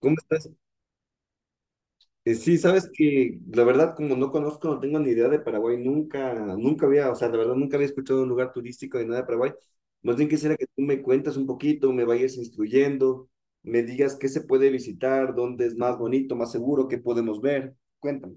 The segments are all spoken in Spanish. ¿Cómo estás? Sí, sabes que la verdad, como no conozco, no tengo ni idea de Paraguay, nunca había, o sea, la verdad, nunca había escuchado de un lugar turístico de nada de Paraguay. Más bien quisiera que tú me cuentas un poquito, me vayas instruyendo, me digas qué se puede visitar, dónde es más bonito, más seguro, qué podemos ver. Cuéntame.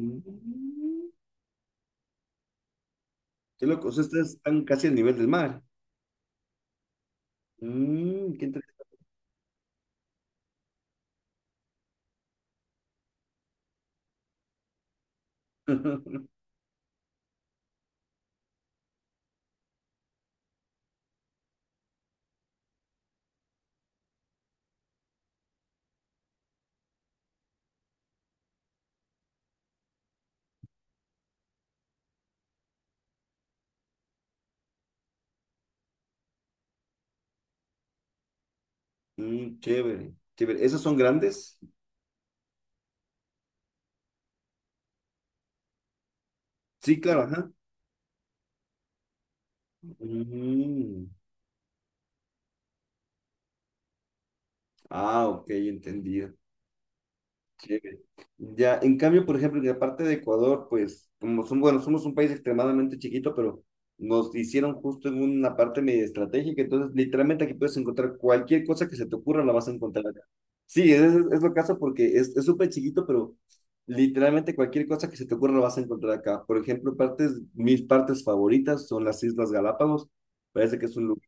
Mm, qué loco, o sea, ustedes están casi al nivel del mar. Mm, qué interesante. Mm, chévere, chévere. ¿Esos son grandes? Sí, claro, ajá. Mm. Ah, ok, entendido. Chévere. Ya, en cambio, por ejemplo, en la parte de Ecuador, pues, como son, bueno, somos un país extremadamente chiquito, pero nos hicieron justo en una parte medio estratégica, entonces literalmente aquí puedes encontrar cualquier cosa que se te ocurra, la vas a encontrar acá. Sí, es lo caso porque es súper chiquito, pero literalmente cualquier cosa que se te ocurra la vas a encontrar acá. Por ejemplo, partes, mis partes favoritas son las Islas Galápagos, parece que es un lugar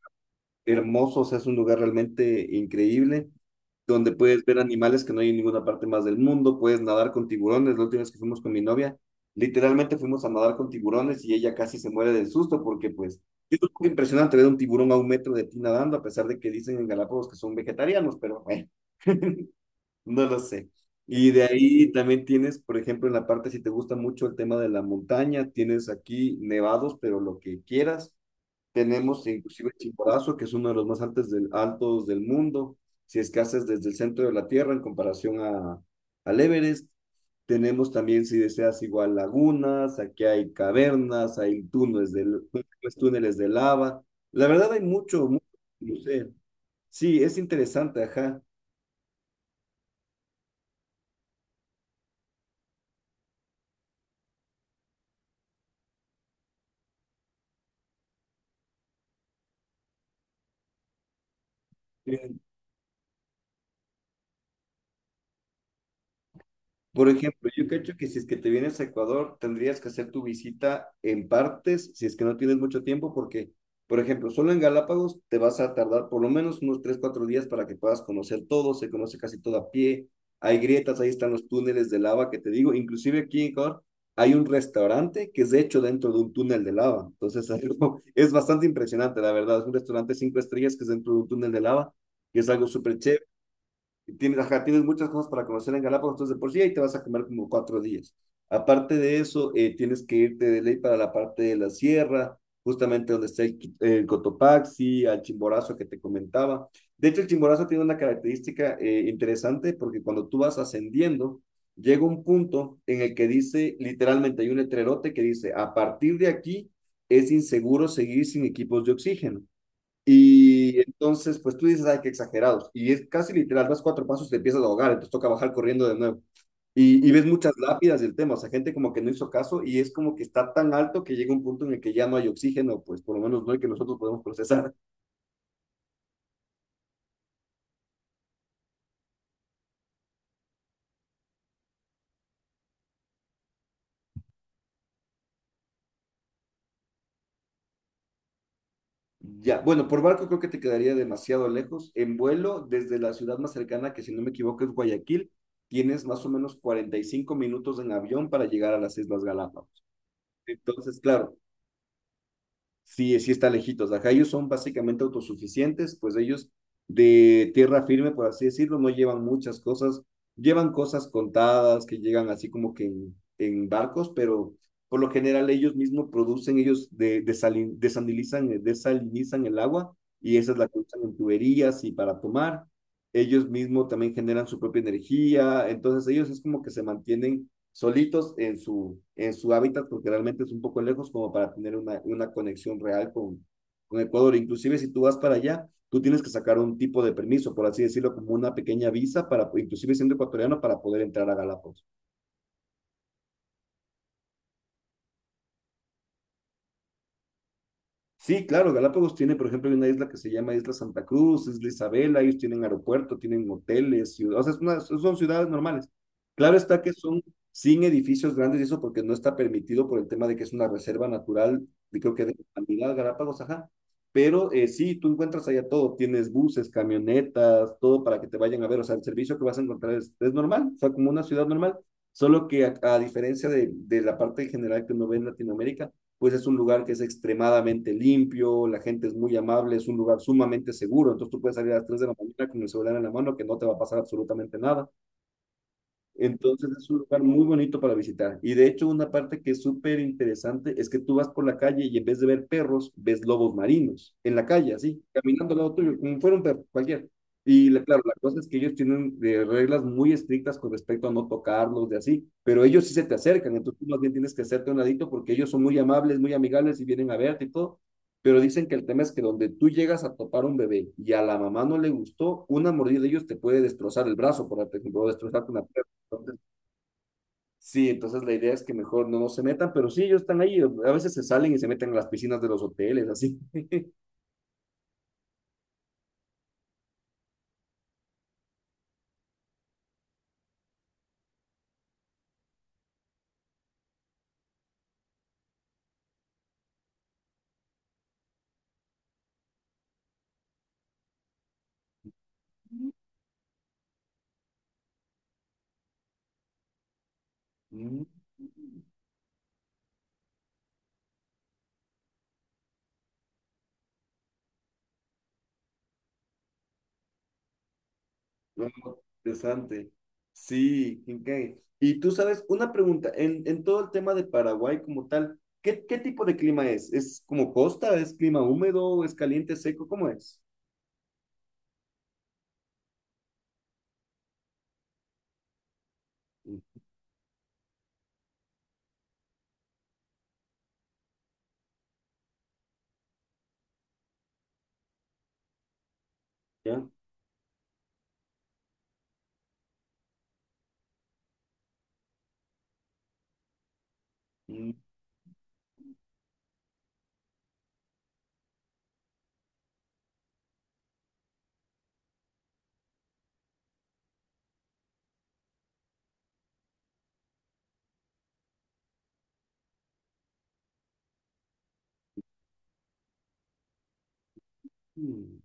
hermoso, o sea, es un lugar realmente increíble donde puedes ver animales que no hay en ninguna parte más del mundo, puedes nadar con tiburones. La última vez que fuimos con mi novia, literalmente fuimos a nadar con tiburones y ella casi se muere del susto porque pues es un poco impresionante ver un tiburón a un metro de ti nadando, a pesar de que dicen en Galápagos que son vegetarianos, pero bueno, no lo sé. Y de ahí también tienes, por ejemplo, en la parte, si te gusta mucho el tema de la montaña, tienes aquí nevados, pero lo que quieras. Tenemos inclusive Chimborazo, que es uno de los más altos del mundo, si es que haces desde el centro de la Tierra en comparación a, al Everest. Tenemos también, si deseas, igual lagunas, aquí hay cavernas, hay túneles de, pues, túneles de lava. La verdad hay mucho, no sé. Sí, es interesante, ajá. Por ejemplo, yo creo que si es que te vienes a Ecuador, tendrías que hacer tu visita en partes, si es que no tienes mucho tiempo, porque, por ejemplo, solo en Galápagos te vas a tardar por lo menos unos 3 4 días para que puedas conocer todo, se conoce casi todo a pie, hay grietas, ahí están los túneles de lava que te digo, inclusive aquí en Ecuador hay un restaurante que es hecho dentro de un túnel de lava, entonces es bastante impresionante, la verdad, es un restaurante cinco estrellas que es dentro de un túnel de lava, que es algo súper chévere. Tienes, ajá, tienes muchas cosas para conocer en Galápagos, entonces de por sí ahí te vas a comer como cuatro días. Aparte de eso, tienes que irte de ley para la parte de la sierra, justamente donde está el Cotopaxi, al Chimborazo que te comentaba. De hecho, el Chimborazo tiene una característica interesante porque cuando tú vas ascendiendo, llega un punto en el que dice, literalmente hay un letrerote que dice, a partir de aquí es inseguro seguir sin equipos de oxígeno. Y entonces, pues tú dices, ay, qué exagerados. Y es casi literal, das cuatro pasos, y te empiezas a ahogar, entonces toca bajar corriendo de nuevo. Y ves muchas lápidas del tema, o sea, gente como que no hizo caso y es como que está tan alto que llega un punto en el que ya no hay oxígeno, pues por lo menos no hay que nosotros podemos procesar. Ya, bueno, por barco creo que te quedaría demasiado lejos. En vuelo, desde la ciudad más cercana, que si no me equivoco es Guayaquil, tienes más o menos 45 minutos en avión para llegar a las Islas Galápagos. Entonces, claro, sí, sí está lejitos. Acá ellos son básicamente autosuficientes, pues ellos de tierra firme, por así decirlo, no llevan muchas cosas, llevan cosas contadas que llegan así como que en barcos, pero por lo general ellos mismos producen, ellos de, desalin, desalinizan, desalinizan el agua y esa es la que usan en tuberías y para tomar. Ellos mismos también generan su propia energía, entonces ellos es como que se mantienen solitos en su hábitat, porque realmente es un poco lejos como para tener una conexión real con Ecuador. Inclusive si tú vas para allá, tú tienes que sacar un tipo de permiso, por así decirlo, como una pequeña visa para, inclusive siendo ecuatoriano, para poder entrar a Galápagos. Sí, claro, Galápagos tiene, por ejemplo, hay una isla que se llama Isla Santa Cruz, Isla Isabela, ellos tienen aeropuerto, tienen hoteles, ciudades, o sea, son ciudades normales. Claro está que son sin edificios grandes y eso porque no está permitido por el tema de que es una reserva natural, y creo que de la humanidad, Galápagos, ajá. Pero sí, tú encuentras allá todo, tienes buses, camionetas, todo para que te vayan a ver, o sea, el servicio que vas a encontrar es normal, o sea, como una ciudad normal, solo que a diferencia de la parte general que uno ve en Latinoamérica, pues es un lugar que es extremadamente limpio, la gente es muy amable, es un lugar sumamente seguro, entonces tú puedes salir a las tres de la mañana con el celular en la mano que no te va a pasar absolutamente nada. Entonces es un lugar muy bonito para visitar. Y de hecho, una parte que es súper interesante es que tú vas por la calle y en vez de ver perros, ves lobos marinos en la calle, así, caminando al lado tuyo, como fuera un perro, cualquier. Claro, la cosa es que ellos tienen reglas muy estrictas con respecto a no tocarlos, de así, pero ellos sí se te acercan, entonces tú más bien tienes que hacerte a un ladito porque ellos son muy amables, muy amigables y vienen a verte y todo. Pero dicen que el tema es que donde tú llegas a topar un bebé y a la mamá no le gustó, una mordida de ellos te puede destrozar el brazo, por ejemplo, o destrozarte una pierna. Entonces, sí, entonces la idea es que mejor no se metan, pero sí, ellos están ahí. A veces se salen y se meten en las piscinas de los hoteles, así. Mm, no, no, interesante. Sí, qué. Y tú sabes, una pregunta, en todo el tema de Paraguay como tal, ¿qué tipo de clima es? ¿Es como costa? ¿Es clima húmedo? ¿Es caliente, seco? ¿Cómo es? Mm. ¿Ya? Mm.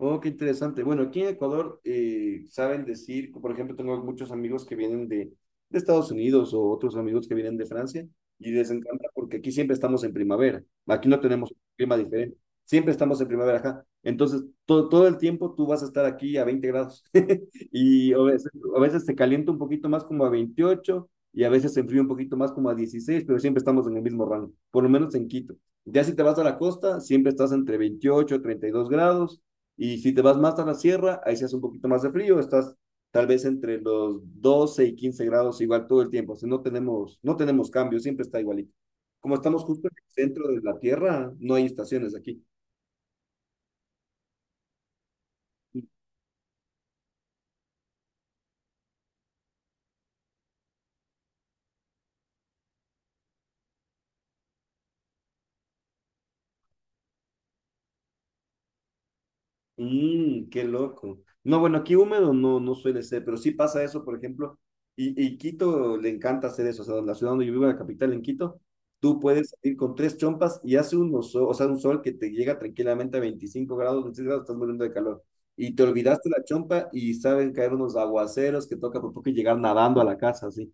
Oh, qué interesante. Bueno, aquí en Ecuador saben decir, por ejemplo, tengo muchos amigos que vienen de Estados Unidos o otros amigos que vienen de Francia y les encanta porque aquí siempre estamos en primavera. Aquí no tenemos un clima diferente. Siempre estamos en primavera acá. Entonces, todo el tiempo tú vas a estar aquí a 20 grados y a veces se calienta un poquito más como a 28 y a veces se enfría un poquito más como a 16, pero siempre estamos en el mismo rango, por lo menos en Quito. Ya si te vas a la costa, siempre estás entre 28 y 32 grados y si te vas más a la sierra, ahí se hace un poquito más de frío, estás tal vez entre los 12 y 15 grados igual todo el tiempo, o sea, no tenemos, no tenemos cambios, siempre está igualito. Como estamos justo en el centro de la Tierra, no hay estaciones aquí. Mm, qué loco. No, bueno, aquí húmedo no, no suele ser, pero sí pasa eso, por ejemplo, y Quito le encanta hacer eso, o sea, la ciudad donde yo vivo, la capital en Quito, tú puedes salir con tres chompas y hace un sol, o sea, un sol que te llega tranquilamente a 25 grados, 26 grados, estás muriendo de calor, y te olvidaste la chompa y saben caer unos aguaceros que toca por poco y llegar nadando a la casa, así.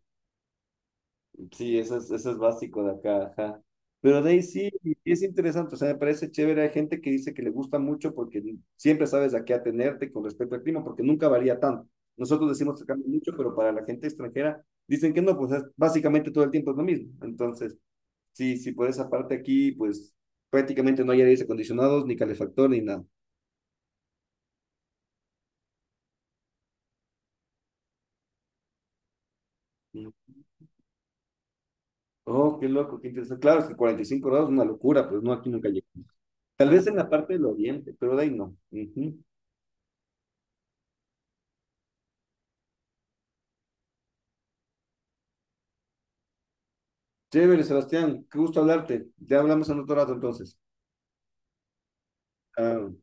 Sí, eso es básico de acá, ajá. Pero de ahí sí, es interesante, o sea, me parece chévere. Hay gente que dice que le gusta mucho porque siempre sabes a qué atenerte con respecto al clima, porque nunca varía tanto. Nosotros decimos que cambia mucho, pero para la gente extranjera dicen que no, básicamente todo el tiempo es lo mismo. Entonces, sí, sí, por esa parte aquí, pues prácticamente no hay aires acondicionados, ni calefactor, ni nada. Mm. Oh, qué loco, qué interesante. Claro, es que 45 grados es una locura, pues no, aquí nunca llega. Tal vez en la parte del oriente, pero de ahí no. Ujú. Chévere, Sebastián, qué gusto hablarte. Ya hablamos en otro rato entonces. Chao.